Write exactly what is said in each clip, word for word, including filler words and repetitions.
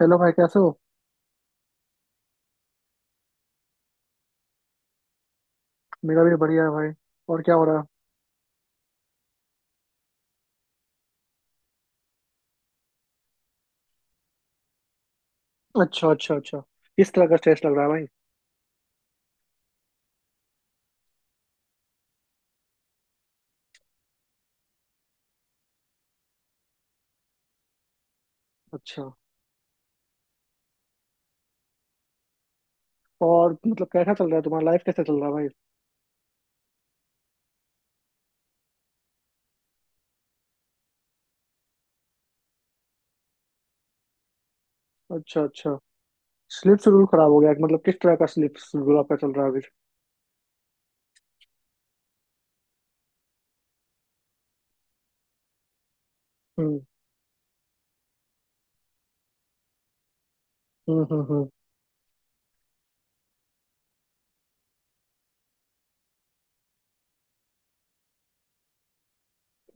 Hello भाई, कैसे हो? मेरा भी बढ़िया है भाई। और क्या हो रहा है? अच्छा अच्छा अच्छा। इस तरह का स्ट्रेस लग रहा है भाई? अच्छा। और मतलब कैसा चल रहा है तुम्हारा? लाइफ कैसा चल रहा है भाई? अच्छा अच्छा। स्लीप शेड्यूल खराब हो गया है, मतलब किस तरह का स्लीप शेड्यूल आपका चल रहा है अभी? हम्म। हम्म। हम्म। हम्म।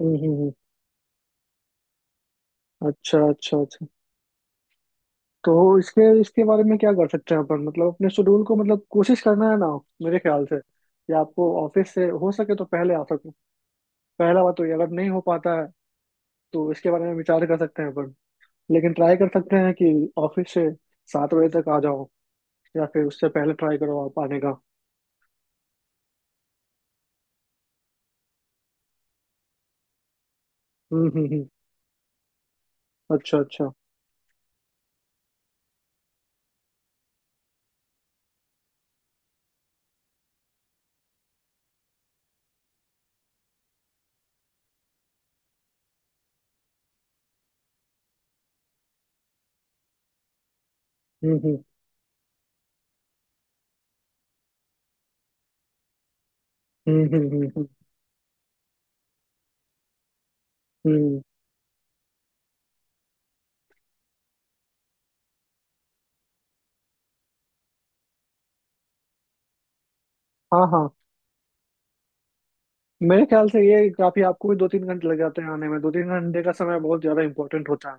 हम्म। हम्म, हम्म। अच्छा अच्छा अच्छा। तो इसके इसके बारे में क्या कर सकते हैं अपन, मतलब अपने शेड्यूल को। मतलब कोशिश करना है ना, मेरे ख्याल से, कि आपको ऑफिस से हो सके तो पहले आ सको। पहला बात तो ये, अगर नहीं हो पाता है तो इसके बारे में विचार कर सकते हैं अपन। लेकिन ट्राई कर सकते हैं कि ऑफिस से सात बजे तक आ जाओ, या फिर उससे पहले ट्राई करो आप आने का। हम्म हम्म हम्म। अच्छा अच्छा। हम्म हम्म हम्म हम्म हम्म हम्म, हम्म। हाँ हाँ, मेरे ख्याल से ये काफी, आपको भी दो तीन घंटे लग जाते हैं आने में। दो तीन घंटे का समय बहुत ज्यादा इंपॉर्टेंट होता है।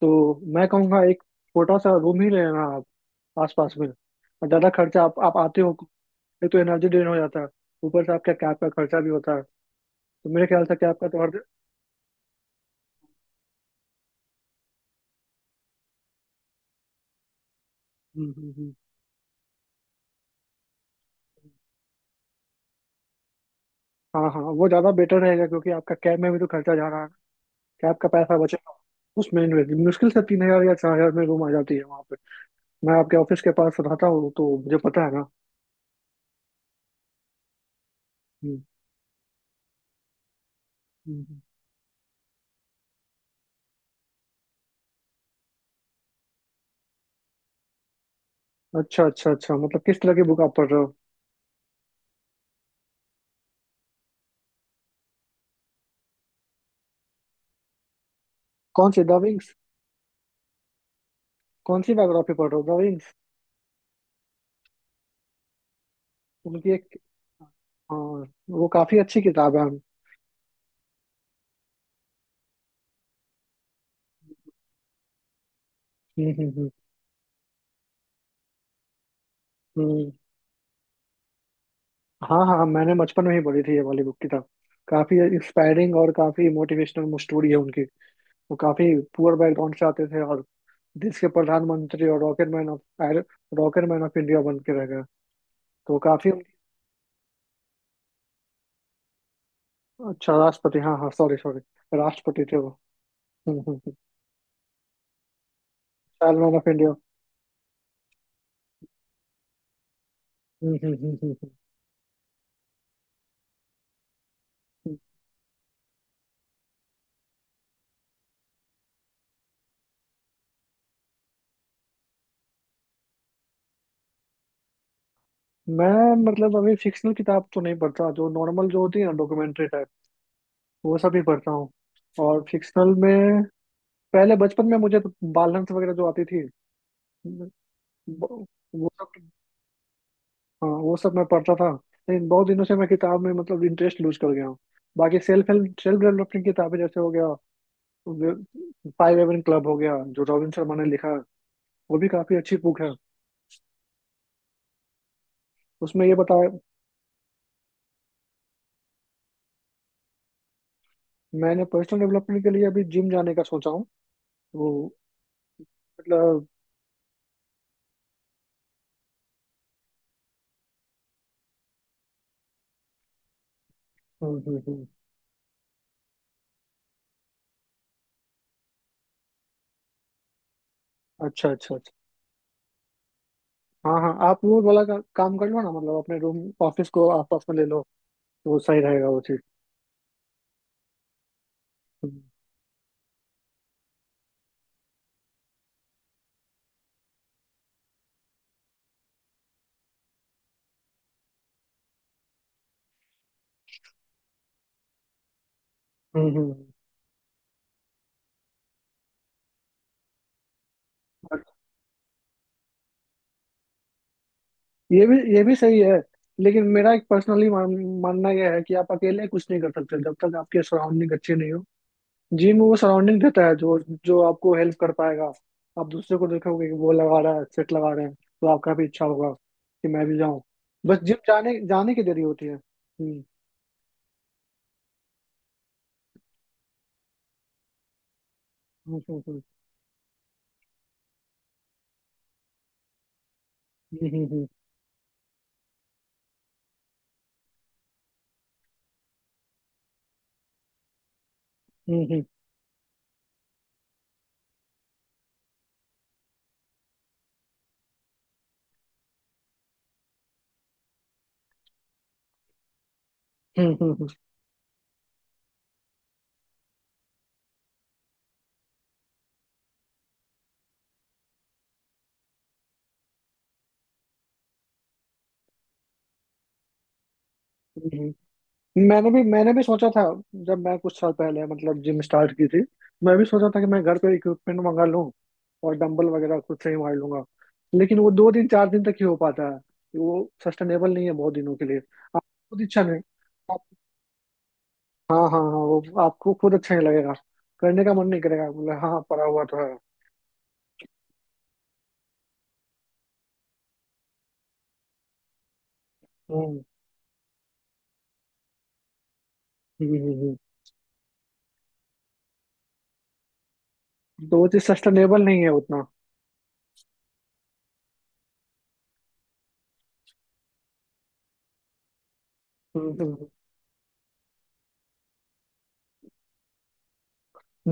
तो मैं कहूँगा एक छोटा सा रूम ही ले लेना आप आसपास में। और ज्यादा खर्चा आप आप आते हो। एक तो एनर्जी ड्रेन हो जाता है, ऊपर से आपका कैब का खर्चा भी होता है। तो मेरे ख्याल से कैब का तो हर। हम्म हम्म हम्म। हाँ हाँ, वो ज्यादा बेटर रहेगा क्योंकि आपका कैब में भी तो खर्चा जा रहा है। कैब का पैसा बचेगा, उसमें इन्वेस्ट। मुश्किल से तीन हजार या चार हजार में रूम आ जाती है वहाँ पे। मैं आपके ऑफिस के पास रहता हूँ तो मुझे पता है ना। हम्म, हम्म। हम्म। अच्छा अच्छा अच्छा, मतलब किस तरह की बुक आप पढ़ रहे हो? कौन सी? The Wings? कौन सी बायोग्राफी पढ़ रहे हो? द विंग्स, उनकी एक? हाँ। वो काफी अच्छी किताब है। हम्म हम्म हम्म। हम्म। हाँ हाँ, मैंने बचपन में ही पढ़ी थी ये वाली बुक, किताब। काफी इंस्पायरिंग और काफी मोटिवेशनल स्टोरी है उनकी। वो काफी पुअर बैकग्राउंड से आते थे, और देश के प्रधानमंत्री और rocket man of, rocket man of India बन के रह गए। तो वो काफी। अच्छा, राष्ट्रपति, हाँ हाँ, सॉरी सॉरी। राष्ट्रपति थे वो। हम्म, हम्म, हम्म। Child man of India. हम्म, हम्म, हम्म, हम्म, हम्म। हम्म। मैं मतलब अभी फिक्शनल किताब तो नहीं पढ़ता। जो नॉर्मल जो होती है ना, डॉक्यूमेंट्री टाइप, वो सब ही पढ़ता हूँ। और फिक्शनल में पहले बचपन में मुझे तो बाल हंस वगैरह जो आती थी, वो वो सब। हाँ वो सब मैं पढ़ता था। लेकिन बहुत दिनों से मैं किताब में मतलब इंटरेस्ट लूज कर गया हूँ। बाकी सेल्फ हेल्प, सेल्फ डेवलपमेंट की किताबें, जैसे हो गया फाइव एवन क्लब हो गया, जो रॉबिन शर्मा ने लिखा, वो भी काफी अच्छी बुक है। उसमें ये बताया। मैंने पर्सनल डेवलपमेंट के लिए अभी जिम जाने का सोचा हूँ। वो मतलब। हम्म, हम्म, हम्म। अच्छा अच्छा अच्छा। हाँ हाँ, आप वो वाला का, काम कर लो ना, मतलब अपने रूम ऑफिस को आसपास में ले लो। तो वो सही रहेगा, वो चीज। हम्म हम्म। हम्म। ये भी ये भी सही है। लेकिन मेरा एक पर्सनली मानना यह है कि आप अकेले कुछ नहीं कर सकते जब तक आपके सराउंडिंग अच्छे नहीं हो। जिम में वो सराउंडिंग रहता है जो, जो आपको हेल्प कर पाएगा। आप दूसरे को देखोगे कि वो लगा रहा है, सेट लगा रहे हैं, तो आपका भी इच्छा होगा कि मैं भी जाऊं। बस जिम जाने जाने की देरी होती है। हम्म। हम्म हम्म हम्म हम्म हम्म हम्म हम्म हम्म हम्म। मैंने भी मैंने भी सोचा था, जब मैं कुछ साल पहले मतलब जिम स्टार्ट की थी। मैं भी सोचा था कि मैं घर पे इक्विपमेंट मंगा लूँ और डंबल वगैरह खुद से ही मार लूंगा। लेकिन वो दो दिन, चार दिन तक ही हो पाता है। वो सस्टेनेबल नहीं है बहुत दिनों के लिए। आप खुद इच्छा नहीं। आप- हाँ हाँ हाँ, वो आपको खुद अच्छा नहीं लगेगा। करने का मन नहीं करेगा, बोले हाँ पड़ा हुआ तो है। हम्म हम्म हम्म, हम्म। हम्म। तो वो चीज सस्टेनेबल नहीं है उतना।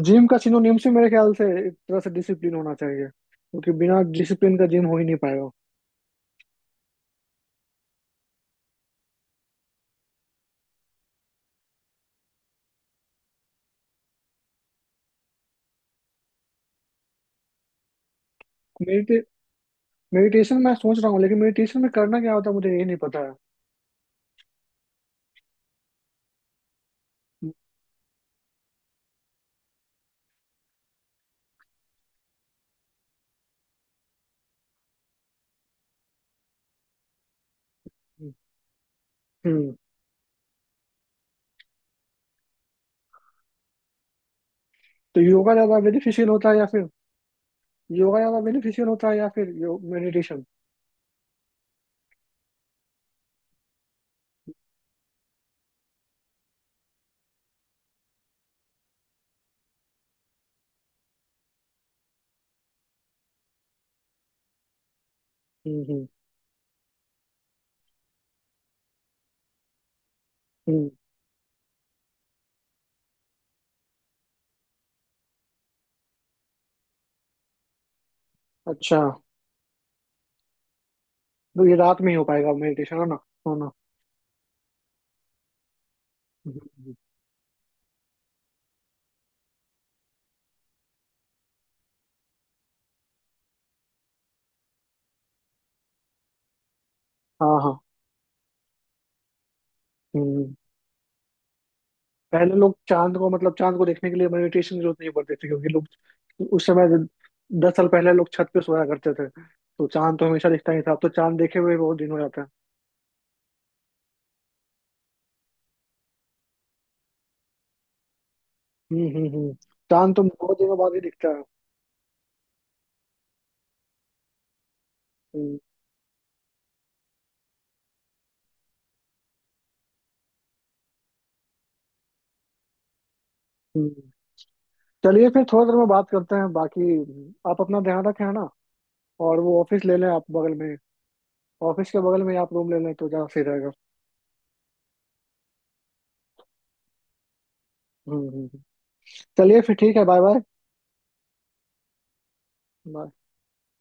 जिम का सिनोनिम से मेरे ख्याल से एक तरह से डिसिप्लिन होना चाहिए, क्योंकि बिना डिसिप्लिन का जिम हो ही नहीं। मेडिटे मेडिटेशन मैं सोच रहा हूँ, लेकिन मेडिटेशन में करना क्या होता है मुझे ये नहीं पता है। हम्म। तो योगा ज्यादा बेनिफिशियल होता है या फिर योगा ज्यादा बेनिफिशियल होता है या फिर यो मेडिटेशन? हम्म हम्म हम्म। अच्छा। तो ये रात में ही हो पाएगा मेडिटेशन, है ना? है ना? हम्म, हम्म। हाँ हाँ। हम्म। पहले लोग चांद को, मतलब चांद को देखने के लिए मेडिटेशन की जरूरत नहीं पड़ती थी, क्योंकि लोग उस समय, दस साल पहले लोग छत पे सोया करते थे। तो चांद तो हमेशा दिखता ही था, अब तो चांद देखे हुए बहुत दिन हो जाता है। हम्म हम्म हम्म। चांद तो बहुत दिनों बाद ही दिखता है। हम्म, हम्म। चलिए फिर थोड़ी देर में बात करते हैं बाकी। आप अपना ध्यान रखें, है ना। और वो ऑफिस ले लें आप बगल में। ऑफिस के बगल में ही आप रूम ले लें तो ज़्यादा सही रहेगा। हम्म हम्म, हम्म। चलिए फिर, ठीक है, बाय। बाय।